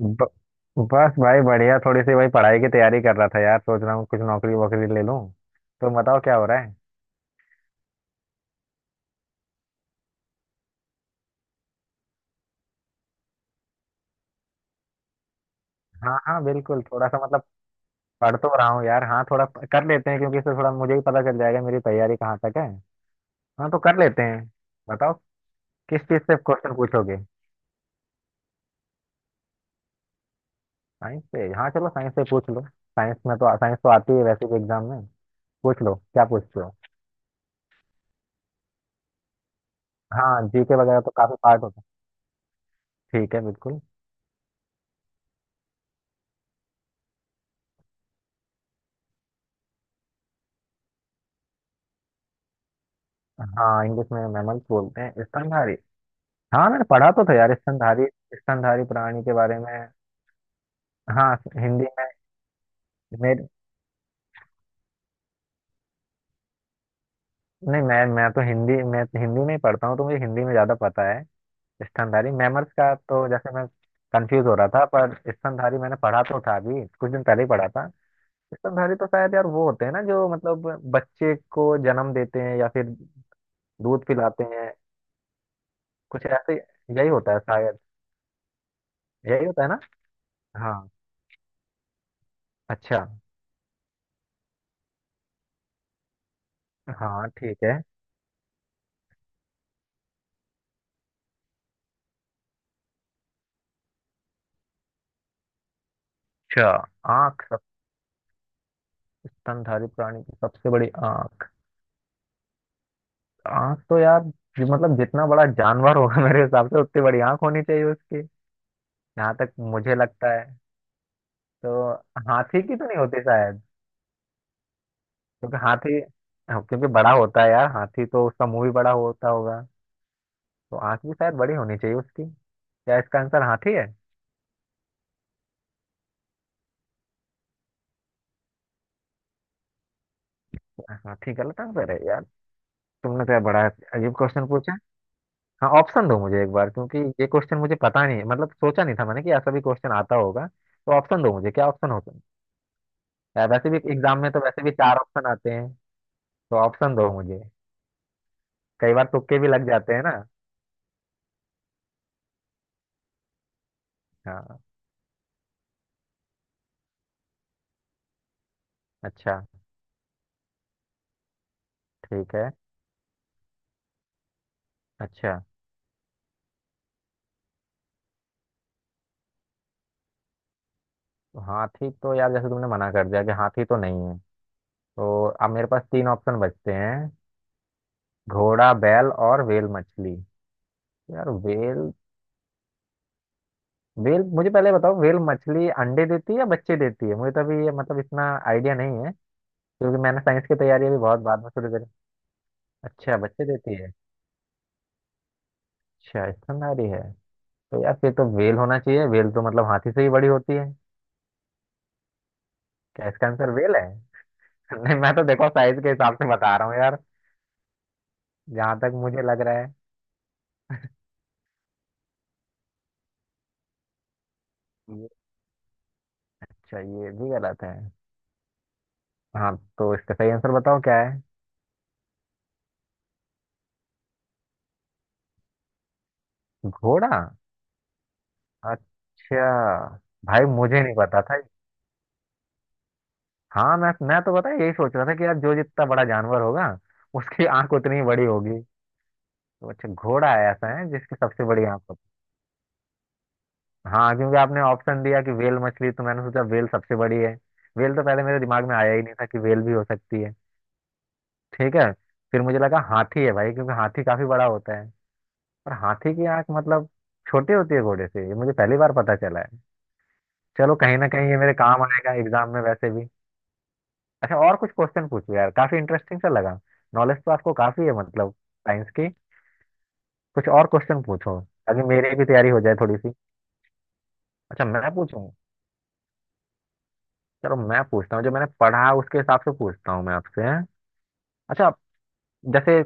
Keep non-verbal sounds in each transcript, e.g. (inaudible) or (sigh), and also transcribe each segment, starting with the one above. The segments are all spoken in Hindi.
ब, बस भाई बढ़िया थोड़ी सी भाई पढ़ाई की तैयारी कर रहा था यार। सोच रहा हूँ कुछ नौकरी वोकरी ले लूँ। तो बताओ क्या हो रहा है। हाँ हाँ बिल्कुल थोड़ा सा मतलब पढ़ तो रहा हूँ यार। हाँ थोड़ा कर लेते हैं क्योंकि इससे थोड़ा मुझे ही पता चल जाएगा मेरी तैयारी कहाँ तक है। हाँ तो कर लेते हैं। बताओ किस चीज़ से क्वेश्चन पूछोगे। साइंस से हाँ चलो साइंस से पूछ लो। साइंस में तो साइंस तो आती है वैसे भी एग्जाम में। पूछ लो क्या पूछते हो। हाँ जीके वगैरह तो काफी पार्ट होता है। ठीक है बिल्कुल। हाँ इंग्लिश में मैमल्स बोलते हैं स्तनधारी। हाँ मैंने पढ़ा तो था यार स्तनधारी, स्तनधारी प्राणी के बारे में। हाँ हिंदी में मेरे नहीं मैं तो हिंदी में ही पढ़ता हूँ तो मुझे हिंदी में ज़्यादा पता है। स्तनधारी मैमल्स का तो जैसे मैं कंफ्यूज हो रहा था पर स्तनधारी मैंने पढ़ा तो था अभी कुछ दिन पहले ही पढ़ा था। स्तनधारी तो शायद यार वो होते हैं ना जो मतलब बच्चे को जन्म देते हैं या फिर दूध पिलाते हैं। कुछ ऐसे यही होता है शायद। यही होता है ना। हाँ अच्छा। हाँ ठीक है। अच्छा आँख, स्तनधारी प्राणी की सबसे बड़ी आंख। आंख तो यार मतलब जितना बड़ा जानवर होगा (laughs) मेरे हिसाब से उतनी बड़ी आंख होनी चाहिए उसकी, जहां तक मुझे लगता है। तो हाथी की तो नहीं होती शायद, क्योंकि हाथी हाँ, क्योंकि बड़ा होता है यार हाथी तो उसका मुंह भी बड़ा होता होगा तो आंख भी शायद बड़ी होनी चाहिए उसकी। क्या इसका आंसर हाथी है। हाथी गलत आंसर है यार। तुमने तो यार बड़ा अजीब क्वेश्चन पूछा। हाँ ऑप्शन दो मुझे एक बार क्योंकि ये क्वेश्चन मुझे पता नहीं है, मतलब सोचा नहीं था मैंने कि ऐसा भी क्वेश्चन आता होगा। तो ऑप्शन दो मुझे क्या ऑप्शन होगा। यार वैसे भी एग्जाम में तो वैसे भी चार ऑप्शन आते हैं तो ऑप्शन दो मुझे। कई बार तुक्के भी लग जाते हैं ना। हाँ अच्छा। ठीक है। अच्छा तो हाथी तो यार जैसे तुमने मना कर दिया कि हाथी तो नहीं है, तो अब मेरे पास तीन ऑप्शन बचते हैं, घोड़ा बैल और व्हेल मछली। यार व्हेल व्हेल मुझे पहले बताओ व्हेल मछली अंडे देती है या बच्चे देती है, मुझे तो अभी ये मतलब इतना आइडिया नहीं है क्योंकि मैंने साइंस की तैयारी अभी बहुत बाद में शुरू करी। अच्छा बच्चे देती है। अच्छा स्तनधारी है। तो यार फिर तो वेल होना चाहिए, वेल तो मतलब हाथी से ही बड़ी होती है। क्या इसका आंसर वेल है। (laughs) नहीं मैं तो देखो साइज के हिसाब से बता रहा हूँ यार, जहां तक मुझे लग रहा है। ये- अच्छा ये भी गलत है। हाँ तो इसका सही आंसर बताओ क्या है। घोड़ा अच्छा, भाई मुझे नहीं पता था। हाँ मैं तो पता है यही सोच रहा था कि यार जो जितना बड़ा जानवर होगा उसकी आंख उतनी ही बड़ी होगी। तो अच्छा घोड़ा ऐसा है जिसकी सबसे बड़ी आंख। हाँ क्योंकि आपने ऑप्शन दिया कि वेल मछली तो मैंने सोचा वेल सबसे बड़ी है। वेल तो पहले मेरे दिमाग में आया ही नहीं था कि वेल भी हो सकती है। ठीक है। फिर मुझे लगा हाथी है भाई क्योंकि हाथी काफी बड़ा होता है, पर हाथी की आंख मतलब छोटी होती है घोड़े से, ये मुझे पहली बार पता चला है। चलो कहीं ना कहीं ये मेरे काम आएगा एग्जाम में वैसे भी। अच्छा और कुछ क्वेश्चन पूछो यार, काफी इंटरेस्टिंग सा लगा। नॉलेज तो आपको काफी है मतलब साइंस की। कुछ और क्वेश्चन पूछो ताकि मेरी भी तैयारी हो जाए थोड़ी सी। अच्छा मैं पूछूं। चलो मैं पूछता हूँ, जो मैंने पढ़ा उसके हिसाब से पूछता हूँ मैं आपसे। अच्छा आप- जैसे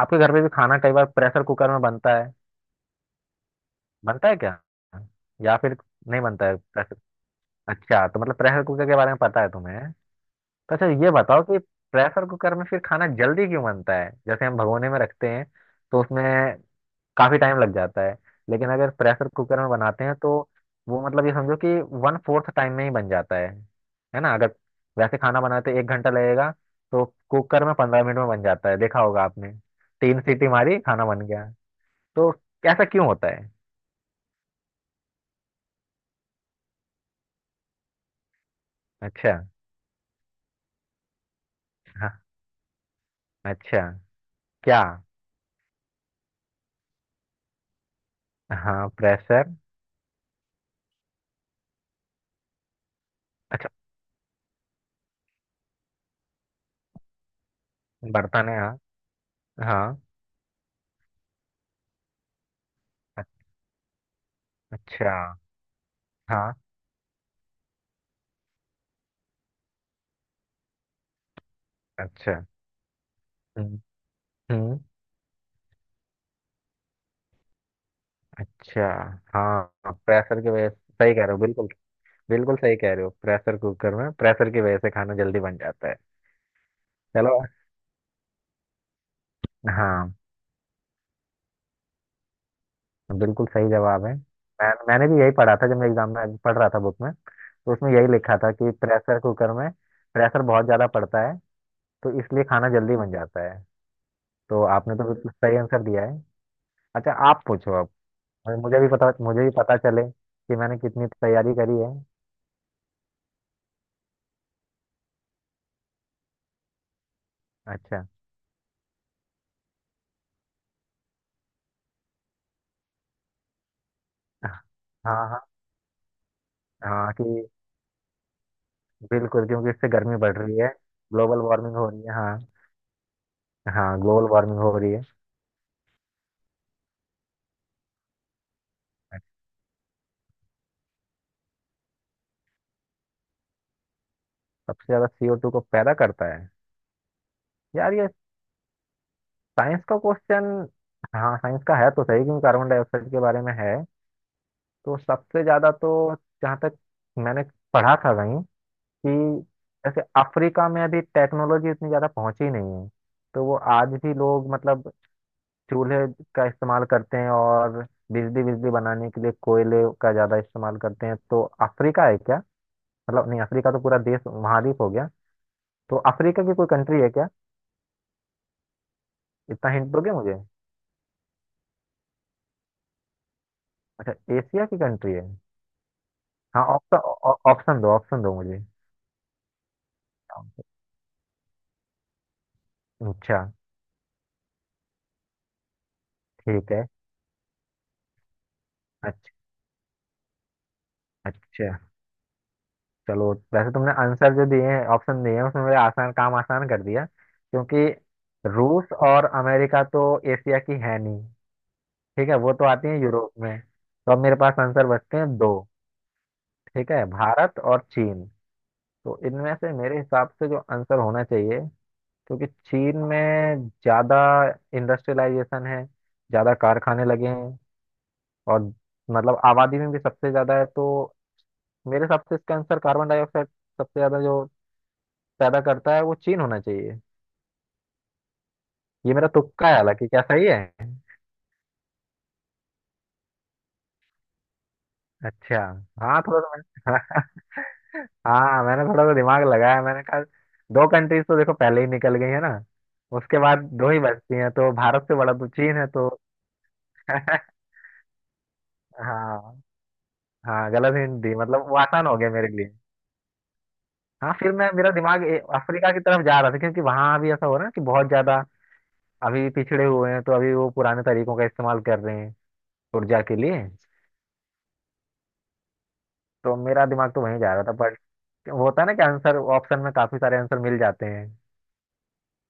आपके घर पे भी खाना कई बार प्रेशर कुकर में बनता है। बनता है क्या, या फिर नहीं बनता है प्रेशर। अच्छा तो मतलब प्रेशर कुकर के बारे में पता है तुम्हें। तो अच्छा ये बताओ कि प्रेशर कुकर में फिर खाना जल्दी क्यों बनता है। जैसे हम भगोने में रखते हैं तो उसमें काफी टाइम लग जाता है, लेकिन अगर प्रेशर कुकर में बनाते हैं तो वो मतलब ये समझो कि 1/4 टाइम में ही बन जाता है। है ना, अगर वैसे खाना बनाते 1 घंटा लगेगा तो कुकर में 15 मिनट में बन जाता है, देखा होगा आपने। तीन सीटी मारी खाना बन गया। तो ऐसा क्यों होता है। अच्छा। हाँ अच्छा। क्या हाँ प्रेशर। अच्छा बर्तन है हाँ। हाँ अ- अच्छा। हाँ अच्छा। हम्म हम्म, अच्छा। हाँ प्रेशर की वजह से सही कह रहे हो बिल्कुल। बिल्कुल सही कह रहे हो, प्रेशर कुकर में प्रेशर की वजह से खाना जल्दी बन जाता है। चलो हाँ बिल्कुल सही जवाब है। मैंने भी यही पढ़ा था जब मैं एग्जाम में पढ़ रहा था, बुक में तो उसमें यही लिखा था कि प्रेशर कुकर में प्रेशर बहुत ज़्यादा पड़ता है तो इसलिए खाना जल्दी बन जाता है। तो आपने तो बिल्कुल सही आंसर दिया है। अच्छा आप पूछो अब, और मुझे भी पता चले कि मैंने कितनी तैयारी करी है। अच्छा हाँ हाँ हाँ कि बिल्कुल, क्योंकि इससे गर्मी बढ़ रही है। ग्लोबल वार्मिंग हो रही है हाँ। हाँ ग्लोबल वार्मिंग हो रही है। सबसे ज्यादा CO2 को पैदा करता है। यार ये साइंस का क्वेश्चन हाँ साइंस का है तो सही, क्योंकि कार्बन डाइऑक्साइड के बारे में है। तो सबसे ज्यादा तो जहाँ तक मैंने पढ़ा था कहीं कि जैसे अफ्रीका में अभी टेक्नोलॉजी इतनी ज्यादा पहुंची नहीं है तो वो आज भी लोग मतलब चूल्हे का इस्तेमाल करते हैं, और बिजली बिजली बनाने के लिए कोयले का ज्यादा इस्तेमाल करते हैं। तो अफ्रीका है क्या, मतलब नहीं अफ्रीका तो पूरा देश महाद्वीप हो गया, तो अफ्रीका की कोई कंट्री है क्या। इतना हिंट दोगे मुझे। अच्छा एशिया की कंट्री है। हाँ ऑप्शन ऑप्शन दो मुझे। अच्छा। ठीक है। अच्छा। अच्छा चलो वैसे तुमने आंसर जो दिए हैं ऑप्शन दिए हैं उसमें मेरे आसान काम आसान कर दिया, क्योंकि रूस और अमेरिका तो एशिया की है नहीं। ठीक है वो तो आती है यूरोप में, तो अब मेरे पास आंसर बचते हैं दो। ठीक है भारत और चीन। तो इनमें से मेरे हिसाब से जो आंसर होना चाहिए, क्योंकि चीन में ज्यादा इंडस्ट्रियलाइजेशन है, ज्यादा कारखाने लगे हैं, और मतलब आबादी में भी सबसे ज्यादा है, तो मेरे हिसाब से इसका आंसर कार्बन डाइऑक्साइड सबसे ज्यादा जो पैदा करता है वो चीन होना चाहिए। ये मेरा तुक्का है हालांकि, क्या सही है। अच्छा हाँ थोड़ा सा (laughs) हाँ हाँ, मैंने थोड़ा सा दिमाग लगाया। मैंने कहा दो कंट्रीज तो देखो पहले ही निकल गई है ना, उसके बाद दो ही बचती हैं तो भारत से बड़ा तो चीन है तो। हाँ हाँ गलत हिंट दी, मतलब वो आसान हो गया मेरे लिए। हाँ फिर मैं मेरा दिमाग अफ्रीका की तरफ जा रहा था क्योंकि वहां भी ऐसा हो रहा है कि बहुत ज्यादा अभी पिछड़े हुए हैं तो अभी वो पुराने तरीकों का इस्तेमाल कर रहे हैं ऊर्जा के लिए। तो मेरा दिमाग तो वहीं जा रहा था बट होता है ना कि आंसर ऑप्शन में काफी सारे आंसर मिल जाते हैं।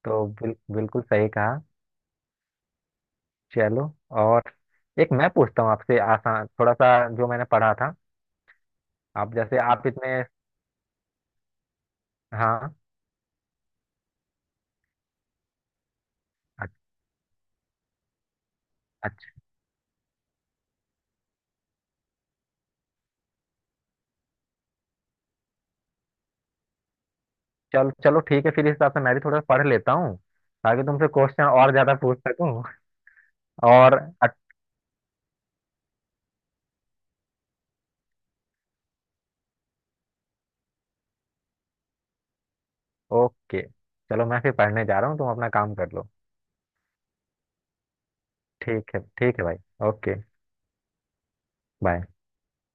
तो बिल्कुल सही कहा। चलो और एक मैं पूछता हूँ आपसे, आसान थोड़ा सा, जो मैंने पढ़ा था। आप जैसे हाँ आप इतने हाँ अच्छ- अच्छा चलो चलो ठीक है, फिर इस हिसाब से मैं भी थोड़ा सा पढ़ लेता हूँ ताकि तुमसे क्वेश्चन और ज्यादा पूछ सकूँ। (laughs) और ओके। चलो मैं फिर पढ़ने जा रहा हूँ, तुम अपना काम कर लो। ठीक है भाई। ओके। बाय।